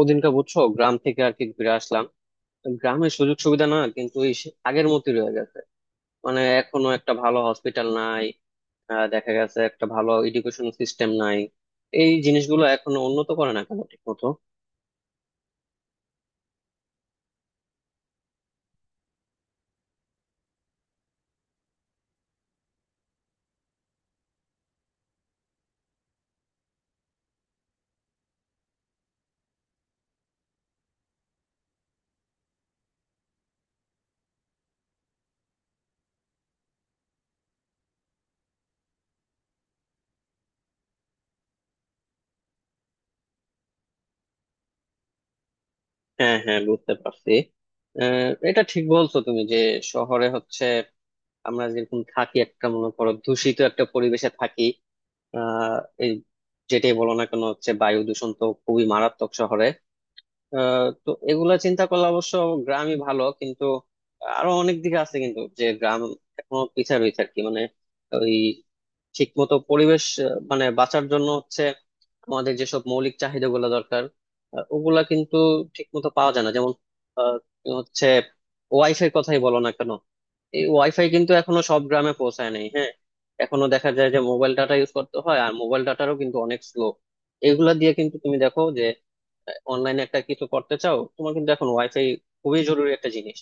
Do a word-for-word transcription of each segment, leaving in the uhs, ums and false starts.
ওদিনকে বুঝছো, গ্রাম থেকে আর কি ঘুরে আসলাম। গ্রামের সুযোগ সুবিধা না কিন্তু এই সে- আগের মতোই রয়ে গেছে। মানে এখনো একটা ভালো হসপিটাল নাই। আহ, দেখা গেছে একটা ভালো এডুকেশন সিস্টেম নাই। এই জিনিসগুলো এখনো উন্নত করে না কেন ঠিক মতো? হ্যাঁ, হ্যাঁ, বুঝতে পারছি। আহ, এটা ঠিক বলছো তুমি যে শহরে হচ্ছে আমরা যেরকম থাকি, একটা মনে করো দূষিত একটা পরিবেশে থাকি। আহ এই যেটাই বলো না কেন হচ্ছে বায়ু দূষণ তো খুবই মারাত্মক শহরে। আহ, তো এগুলা চিন্তা করলে অবশ্য গ্রামই ভালো, কিন্তু আরো অনেক দিকে আছে কিন্তু যে গ্রাম এখনো পিছিয়ে রয়েছে আর কি। মানে ওই ঠিক মতো পরিবেশ, আহ, মানে বাঁচার জন্য হচ্ছে আমাদের যেসব মৌলিক চাহিদা গুলা দরকার, আহ, ওগুলা কিন্তু ঠিক মতো পাওয়া যায় না। যেমন আহ, হচ্ছে ওয়াইফাই কথাই বলো না কেন, এই ওয়াইফাই কিন্তু এখনো সব গ্রামে পৌঁছায় নাই। হ্যাঁ, এখনো দেখা যায় যে মোবাইল ডাটা ইউজ করতে হয়, আর মোবাইল ডাটারও কিন্তু অনেক স্লো। এগুলা দিয়ে কিন্তু তুমি দেখো যে অনলাইনে একটা কিছু করতে চাও, তোমার কিন্তু এখন ওয়াইফাই খুবই জরুরি একটা জিনিস।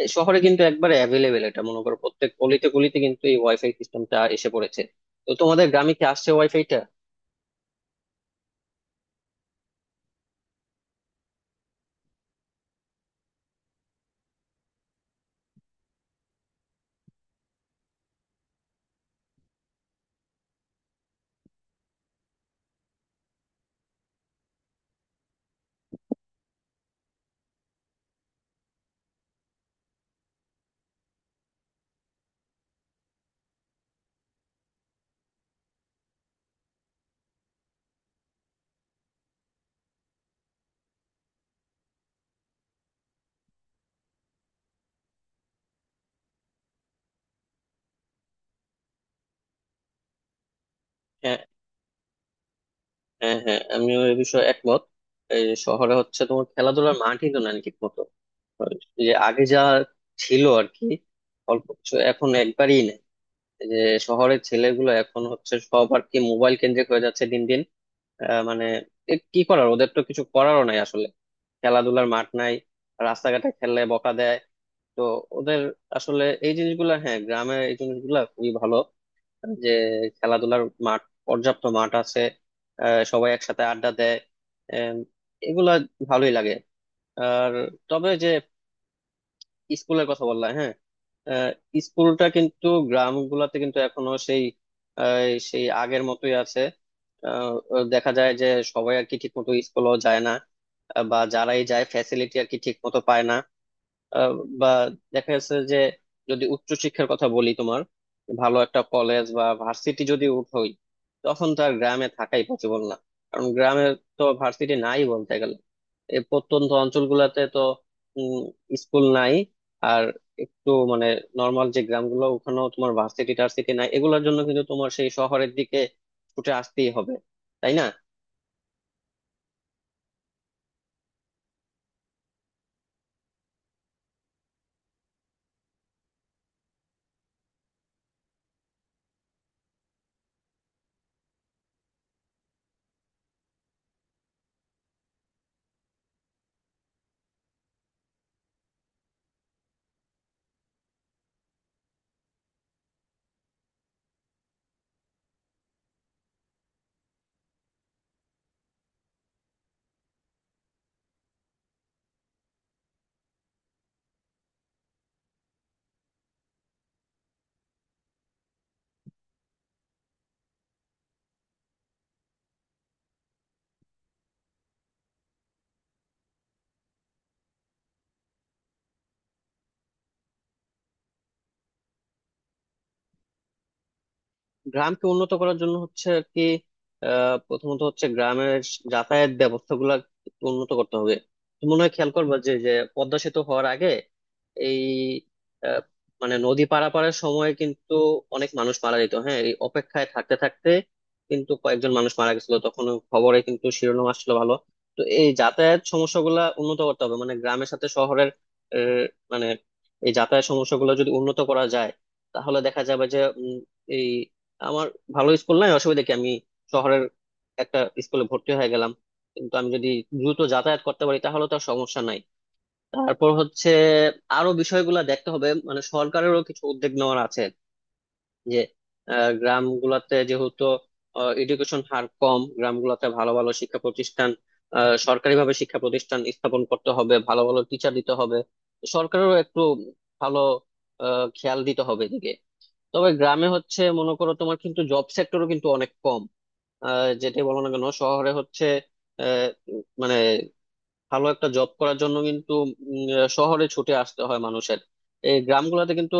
এই শহরে কিন্তু একবারে অ্যাভেলেবেল, এটা মনে করো প্রত্যেক অলিতে গলিতে কিন্তু এই ওয়াইফাই সিস্টেমটা এসে পড়েছে। তো তোমাদের গ্রামে কি আসছে ওয়াইফাইটা? হ্যাঁ, হ্যাঁ, হ্যাঁ, আমিও এ বিষয়ে একমত। এই শহরে হচ্ছে তোমার খেলাধুলার মাঠই তো নাই ঠিক মতো। যে আগে যা ছিল আর কি, অল্প কিছু, এখন একবারই নেই। এই যে শহরের ছেলেগুলো এখন হচ্ছে সব আর কি মোবাইল কেন্দ্রিক হয়ে যাচ্ছে দিন দিন। আহ, মানে এ কি করার, ওদের তো কিছু করারও নাই আসলে। খেলাধুলার মাঠ নাই, রাস্তাঘাটে খেললে বকা দেয়। তো ওদের আসলে এই জিনিসগুলা, হ্যাঁ, গ্রামের এই জিনিসগুলা খুবই ভালো। যে খেলাধুলার মাঠ, পর্যাপ্ত মাঠ আছে, আহ, সবাই একসাথে আড্ডা দেয়। এম, এগুলা ভালোই লাগে। আর তবে যে স্কুলের কথা বললাম, হ্যাঁ, আহ, স্কুলটা কিন্তু গ্রামগুলোতে কিন্তু এখনো সেই আহ, সেই আগের মতোই আছে। আহ, দেখা যায় যে সবাই আর কি ঠিক মতো স্কুলও যায় না, আহ, বা যারাই যায় ফ্যাসিলিটি আর কি ঠিক মতো পায় না। আহ, বা দেখা যাচ্ছে যে যদি উচ্চশিক্ষার কথা বলি, তোমার ভালো একটা কলেজ বা ভার্সিটি যদি উঠোই, তখন তো আর গ্রামে থাকাই পসিবল না। কারণ গ্রামে তো ভার্সিটি নাই বলতে গেলে, এই প্রত্যন্ত অঞ্চলগুলোতে তো উম, স্কুল নাই। আর একটু মানে নর্মাল যে গ্রামগুলো, ওখানেও তোমার ভার্সিটি টার্সিটি নাই, এগুলোর জন্য কিন্তু তোমার সেই শহরের দিকে ছুটে আসতেই হবে, তাই না? গ্রামকে উন্নত করার জন্য হচ্ছে আর কি, আহ প্রথমত হচ্ছে গ্রামের যাতায়াত ব্যবস্থা গুলা উন্নত করতে হবে। তুমি মনে হয় খেয়াল করবা যে যে পদ্মা সেতু হওয়ার আগে এই আহ, মানে নদী পারাপারের সময় কিন্তু অনেক মানুষ মারা যেত, হ্যাঁ, এই অপেক্ষায় থাকতে থাকতে। কিন্তু কয়েকজন মানুষ মারা গেছিল তখন, খবরে কিন্তু শিরোনাম আসছিল ভালো। তো এই যাতায়াত সমস্যাগুলা উন্নত করতে হবে মানে গ্রামের সাথে শহরের। আহ, মানে এই যাতায়াত সমস্যাগুলো যদি উন্নত করা যায়, তাহলে দেখা যাবে যে উম, এই আমার ভালো স্কুল নাই অসুবিধা কি, আমি শহরের একটা স্কুলে ভর্তি হয়ে গেলাম। কিন্তু আমি যদি দ্রুত যাতায়াত করতে পারি, তাহলে তো আর সমস্যা নাই। তারপর হচ্ছে আরো বিষয়গুলো দেখতে হবে, মানে সরকারেরও কিছু উদ্যোগ নেওয়ার আছে। যে আহ, গ্রামগুলাতে যেহেতু এডুকেশন হার কম, গ্রামগুলাতে ভালো ভালো শিক্ষা প্রতিষ্ঠান, আহ, সরকারিভাবে শিক্ষা প্রতিষ্ঠান স্থাপন করতে হবে, ভালো ভালো টিচার দিতে হবে। সরকারেরও একটু ভালো আহ, খেয়াল দিতে হবে এদিকে। তবে গ্রামে হচ্ছে মনে করো তোমার কিন্তু জব সেক্টরও কিন্তু অনেক কম। আহ, যেটাই বলো না কেন শহরে হচ্ছে আহ, উম, মানে ভালো একটা জব করার জন্য কিন্তু উম, আহ, শহরে ছুটে আসতে হয় মানুষের। এই গ্রামগুলোতে কিন্তু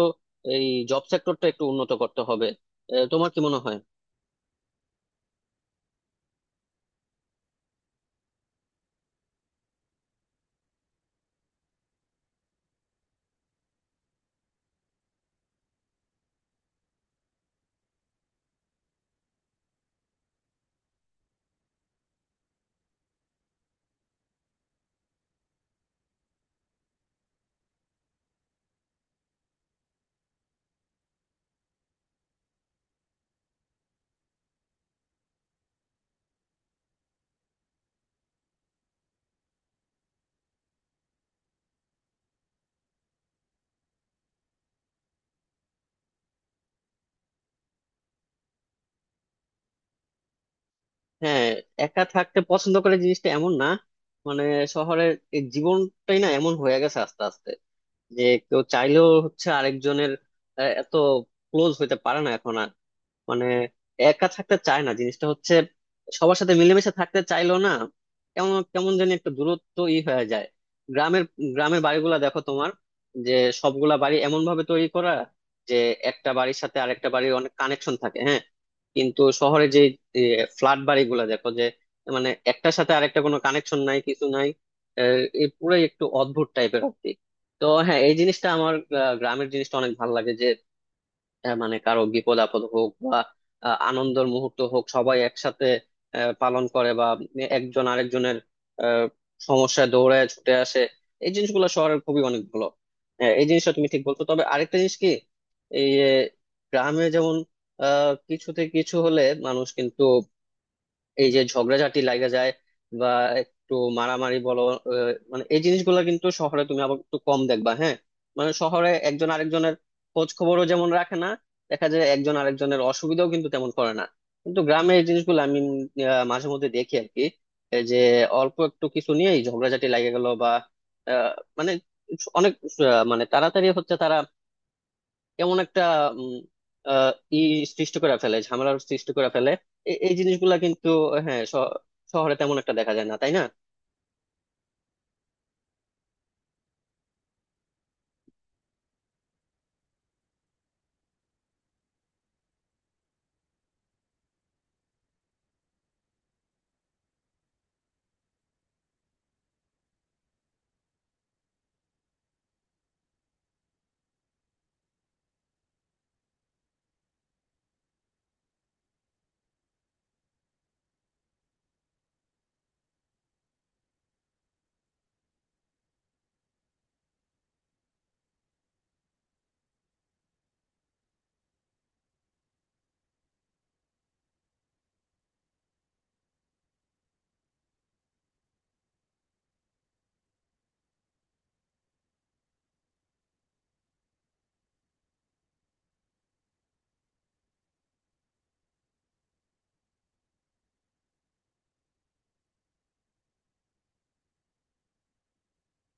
এই জব সেক্টরটা একটু উন্নত করতে হবে। আহ, তোমার কি মনে হয়? হ্যাঁ, একা থাকতে পছন্দ করে জিনিসটা এমন না, মানে শহরের এই জীবনটাই না এমন হয়ে গেছে আস্তে আস্তে। যে কেউ চাইলেও হচ্ছে আরেকজনের আহ, এত ক্লোজ হইতে পারে না এখন আর। মানে একা থাকতে চায় না জিনিসটা হচ্ছে, সবার সাথে মিলেমিশে থাকতে চাইলো না, কেমন কেমন যেন একটা দূরত্ব ই হয়ে যায়। গ্রামের গ্রামের বাড়িগুলা দেখো তোমার, যে সবগুলা বাড়ি এমন ভাবে তৈরি করা যে একটা বাড়ির সাথে আরেকটা বাড়ির অনেক কানেকশন থাকে, হ্যাঁ। কিন্তু শহরে যে ফ্ল্যাট বাড়িগুলা দেখো, যে মানে একটার সাথে আরেকটা কোনো কানেকশন নাই কিছু নাই। আহ, এ পুরাই একটু অদ্ভুত টাইপের আর কি। তো হ্যাঁ, এই জিনিসটা আমার আহ, গ্রামের জিনিসটা অনেক ভালো লাগে। আহ মানে কারো বিপদ আপদ হোক বা আহ, আনন্দের মুহূর্ত হোক, সবাই একসাথে আহ, পালন করে বা একজন আরেকজনের আহ, সমস্যায় দৌড়ে ছুটে আসে। এই জিনিসগুলো শহরের খুবই অনেক ভালো। আহ, এই জিনিসটা তুমি ঠিক বলছো, তবে আরেকটা জিনিস কি, এই আহ, গ্রামে যেমন আহ কিছুতে কিছু হলে মানুষ কিন্তু এই যে ঝগড়াঝাটি লাগা যায় বা একটু মারামারি বলো, আহ, মানে এই জিনিসগুলো কিন্তু শহরে তুমি আবার একটু কম দেখবা। হ্যাঁ, মানে শহরে একজন আরেকজনের খোঁজ খবরও যেমন রাখে না, দেখা যায় একজন আরেকজনের অসুবিধাও কিন্তু তেমন করে না। কিন্তু গ্রামে এই জিনিসগুলো আমি আহ, মাঝে মধ্যে দেখি আর কি। এই যে অল্প একটু কিছু নিয়েই ঝগড়াঝাটি লাগে গেল বা আহ, মানে অনেক আহ, মানে তাড়াতাড়ি হচ্ছে তারা কেমন একটা উম, আহ, ই সৃষ্টি করে ফেলে, ঝামেলার সৃষ্টি করে ফেলে। এ- এই জিনিসগুলা কিন্তু, হ্যাঁ, শ- শহরে তেমন একটা দেখা যায় না, তাই না?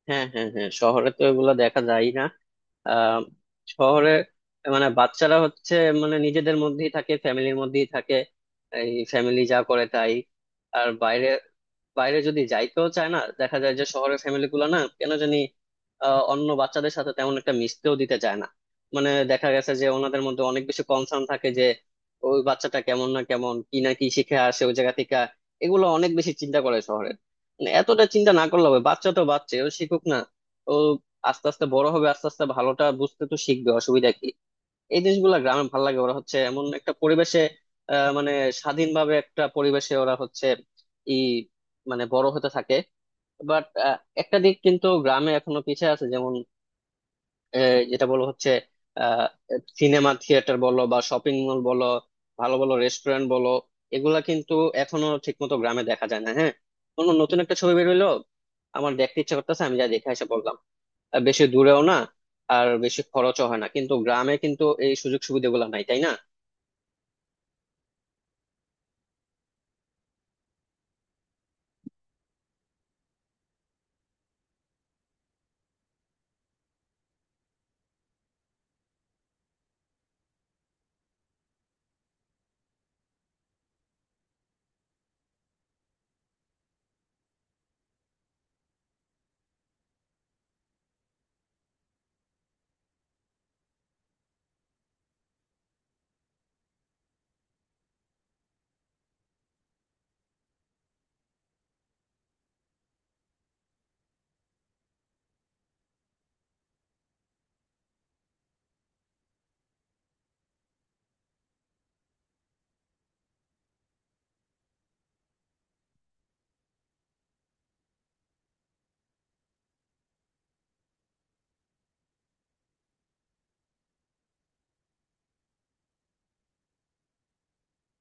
হ্যাঁ, হ্যাঁ, হ্যাঁ, শহরে তো এগুলা দেখা যায় না। আহ শহরে মানে বাচ্চারা হচ্ছে মানে নিজেদের মধ্যেই থাকে, ফ্যামিলির মধ্যেই থাকে, এই ফ্যামিলি যা করে তাই। আর বাইরে বাইরে যদি যাইতেও চায় না, দেখা যায় যে শহরের ফ্যামিলি গুলো না কেন জানি আহ, অন্য বাচ্চাদের সাথে তেমন একটা মিশতেও দিতে চায় না। মানে দেখা গেছে যে ওনাদের মধ্যে অনেক বেশি কনসার্ন থাকে যে ওই বাচ্চাটা কেমন না কেমন কি না কি শিখে আসে ওই জায়গা থেকে, এগুলো অনেক বেশি চিন্তা করে শহরে। মানে এতটা চিন্তা না করলে হবে, বাচ্চা তো বাচ্চা, ও শিখুক না, ও আস্তে আস্তে বড় হবে, আস্তে আস্তে ভালোটা বুঝতে তো শিখবে, অসুবিধা কি। এই জিনিসগুলা গ্রামে ভালো লাগে, ওরা হচ্ছে এমন একটা পরিবেশে আহ, মানে স্বাধীনভাবে একটা পরিবেশে ওরা হচ্ছে ই মানে বড় হতে থাকে। বাট একটা দিক কিন্তু গ্রামে এখনো পিছিয়ে আছে, যেমন আহ, যেটা বলো হচ্ছে সিনেমা থিয়েটার বলো বা শপিং মল বলো, ভালো ভালো রেস্টুরেন্ট বলো, এগুলা কিন্তু এখনো ঠিকমতো গ্রামে দেখা যায় না। হ্যাঁ, কোনো নতুন একটা ছবি বের হইলো, আমার দেখতে ইচ্ছা করতেছে, আমি যা দেখে এসে বললাম, বেশি দূরেও না, আর বেশি খরচও হয় না। কিন্তু গ্রামে কিন্তু এই সুযোগ সুবিধাগুলো নাই, তাই না?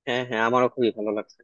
হ্যাঁ, হ্যাঁ, আমারও খুবই ভালো লাগছে।